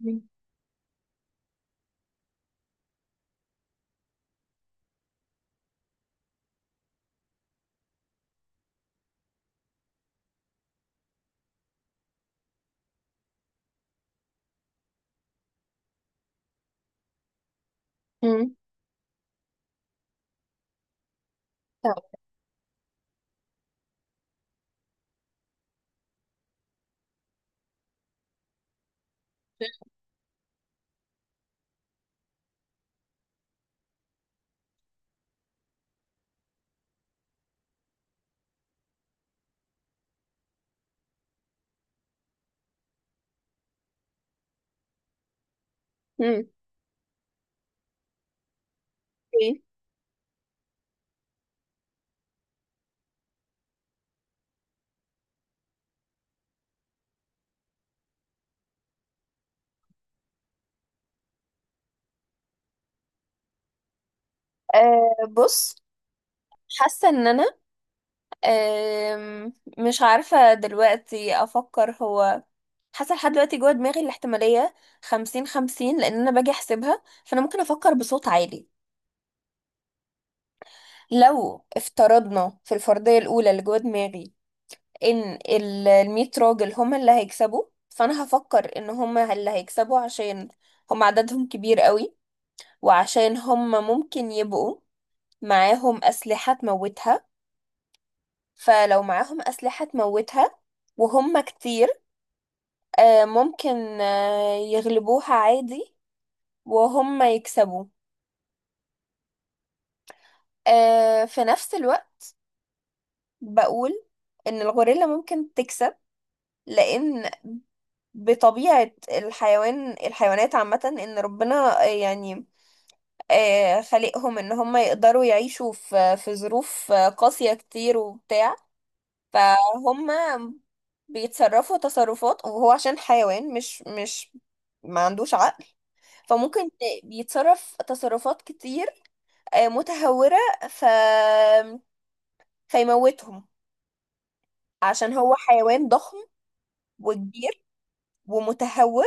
مم. مم. طب. مم. اوكي. بص، حاسة ان انا، أم، مش عارفة دلوقتي افكر. هو حاسة لحد دلوقتي جوه دماغي الاحتمالية 50-50، لان انا باجي احسبها، فانا ممكن افكر بصوت عالي. لو افترضنا في الفرضية الاولى اللي جوه دماغي ان 100 راجل هم اللي هيكسبوا، فانا هفكر ان هم اللي هيكسبوا عشان هم عددهم كبير قوي، وعشان هم ممكن يبقوا معاهم اسلحة تموتها. فلو معاهم أسلحة تموتها وهم كتير، ممكن يغلبوها عادي وهم يكسبوا. في نفس الوقت بقول إن الغوريلا ممكن تكسب، لأن بطبيعة الحيوان الحيوانات عامة، إن ربنا يعني خلقهم إن هم يقدروا يعيشوا في ظروف قاسية كتير وبتاع. فهم بيتصرفوا تصرفات، وهو عشان حيوان مش ما عندوش عقل، فممكن بيتصرف تصرفات كتير متهورة، ف فيموتهم. عشان هو حيوان ضخم وكبير ومتهور،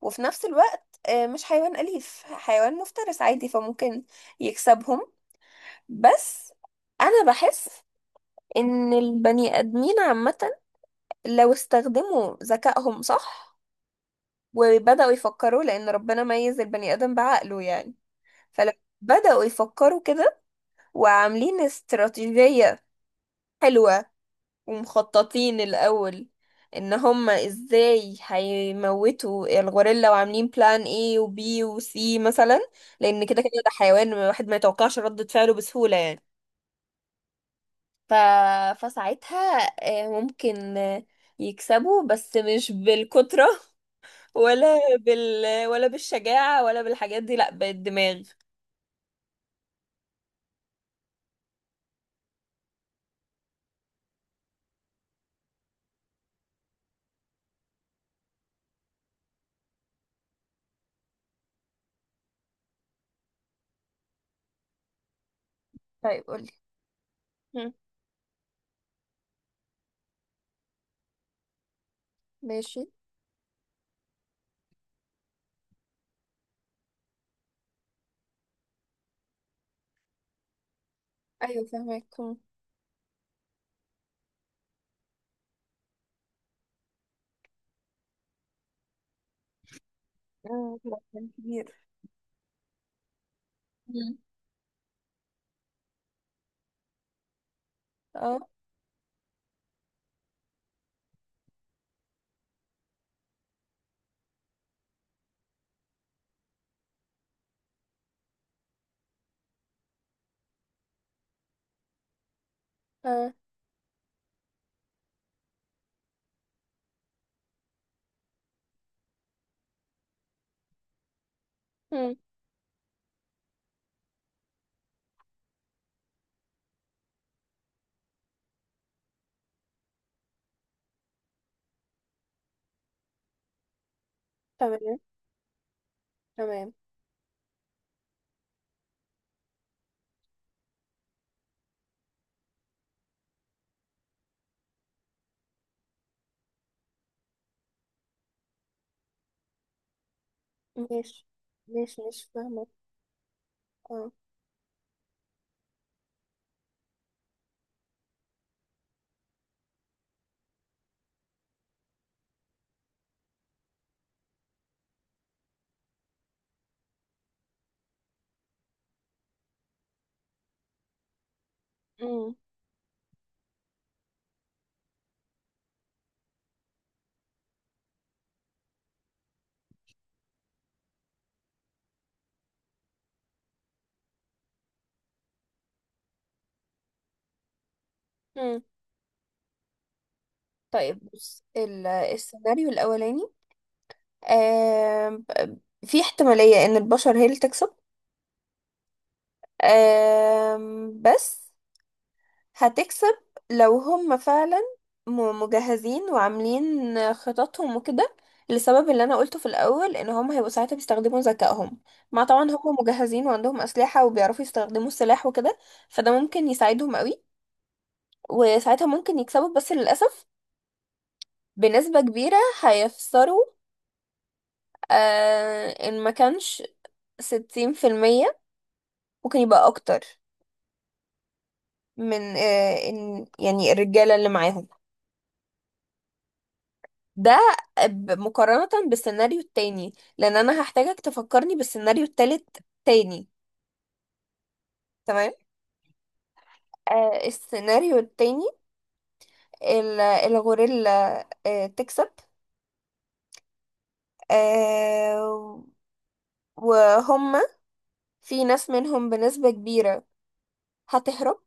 وفي نفس الوقت مش حيوان أليف، حيوان مفترس عادي، فممكن يكسبهم. بس أنا بحس إن البني آدمين عامة لو استخدموا ذكائهم صح وبدأوا يفكروا، لأن ربنا ميز البني آدم بعقله يعني. فلما بدأوا يفكروا كده، وعاملين استراتيجية حلوة، ومخططين الأول إن هما إزاي هيموتوا الغوريلا، وعاملين بلان A و B و C مثلا، لأن كده كده ده حيوان الواحد ما يتوقعش ردة فعله بسهولة يعني. ف... فساعتها ممكن يكسبوا، بس مش بالكترة ولا بال ولا بالشجاعة ولا بالحاجات دي، لأ بالدماغ. طيب قولي. هم. ماشي. ايوه فهمك. هم. مم، لا، كان كبير. مم. اه. اه. هم. تمام. تمام. ماشي. ماشي، ماشي، فاهمة. اه. هم. هم. طيب بص، السيناريو الأولاني، آم، في احتمالية إن البشر هي اللي تكسب، بس هتكسب لو هم فعلا مجهزين وعاملين خططهم وكده، لسبب اللي انا قلته في الاول، ان هم هيبقوا ساعتها بيستخدموا ذكائهم، مع طبعا هم مجهزين وعندهم اسلحة وبيعرفوا يستخدموا السلاح وكده، فده ممكن يساعدهم قوي. وساعتها ممكن يكسبوا، بس للاسف بنسبة كبيرة هيخسروا، ان ما كانش 60%، ممكن يبقى اكتر، من ان يعني الرجالة اللي معاهم ده، مقارنة بالسيناريو التاني، لان انا هحتاجك تفكرني بالسيناريو التالت تاني. تمام. السيناريو التاني، الغوريلا تكسب، آه وهم في ناس منهم بنسبة كبيرة هتهرب،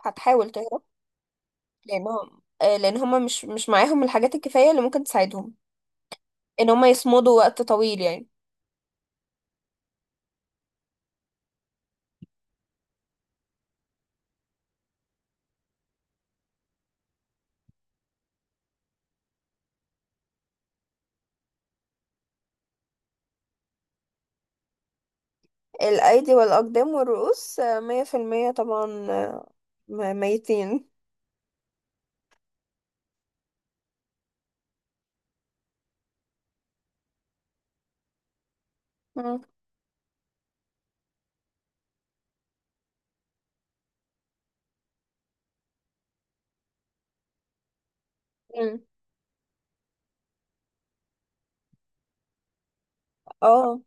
هتحاول تهرب، لانهم، لان هم مش معاهم الحاجات الكفاية اللي ممكن تساعدهم ان هم يصمدوا وقت طويل يعني. الايدي والاقدام والرؤوس 100% طبعا، 200. مم. اه.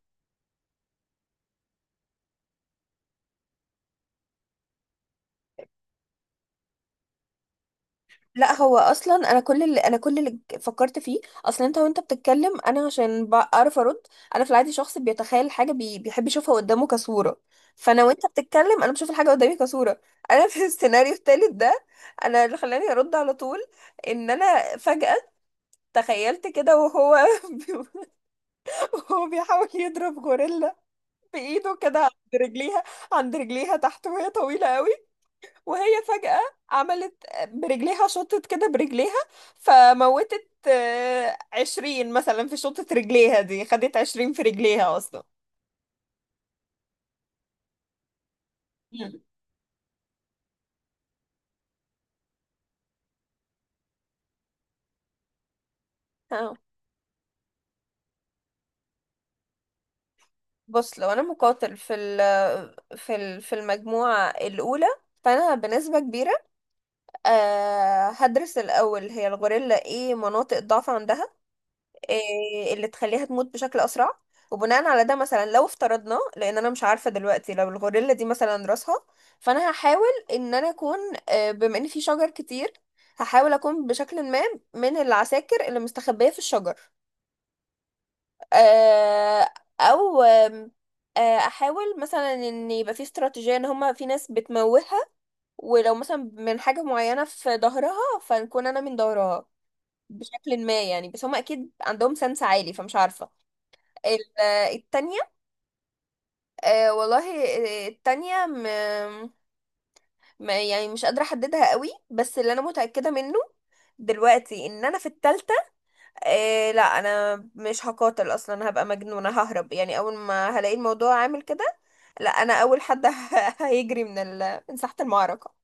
لا هو اصلا، انا كل اللي، فكرت فيه اصلا انت وانت بتتكلم، انا عشان بعرف ارد. انا في العادي شخص بيتخيل حاجه، بيحب يشوفها قدامه كصوره. فانا وانت بتتكلم انا بشوف الحاجه قدامي كصوره. انا في السيناريو التالت ده، انا اللي خلاني ارد على طول، ان انا فجاه تخيلت كده، وهو وهو بيحاول يضرب غوريلا بايده كده عند رجليها، عند رجليها تحت، وهي طويله قوي، وهي فجأة عملت برجليها، شطت كده برجليها، فموتت 20 مثلا في شطة رجليها دي، خدت 20 في رجليها أصلا. مم. اه بص، لو انا مقاتل في المجموعة الأولى، فأنا بنسبة كبيرة هدرس الأول هي الغوريلا ايه مناطق ضعف عندها، إيه اللي تخليها تموت بشكل اسرع. وبناء على ده مثلا، لو افترضنا، لان انا مش عارفه دلوقتي، لو الغوريلا دي مثلا راسها، فانا هحاول ان انا اكون، بما ان في شجر كتير، هحاول اكون بشكل ما من العساكر اللي مستخبيه في الشجر. آه، او احاول مثلا ان يبقى في استراتيجيه، ان هما في ناس بتموهها، ولو مثلا من حاجه معينه في ظهرها، فنكون انا من ظهرها بشكل ما يعني، بس هما اكيد عندهم سنس عالي، فمش عارفه. ال- التانية، آه والله، التانية، يعني مش قادرة أحددها قوي. بس اللي أنا متأكدة منه دلوقتي إن أنا في التالتة، لا أنا مش هقاتل أصلا، هبقى مجنونة، ههرب يعني أول ما هلاقي الموضوع عامل كده. لا أنا أول حد هيجري من من ساحة المعركة.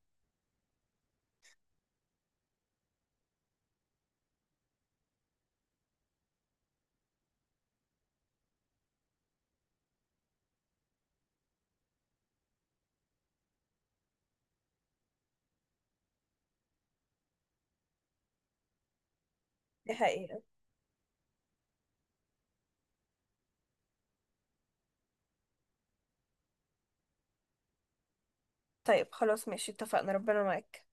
دي حقيقة. طيب خلاص، ماشي، اتفقنا. ربنا معاك.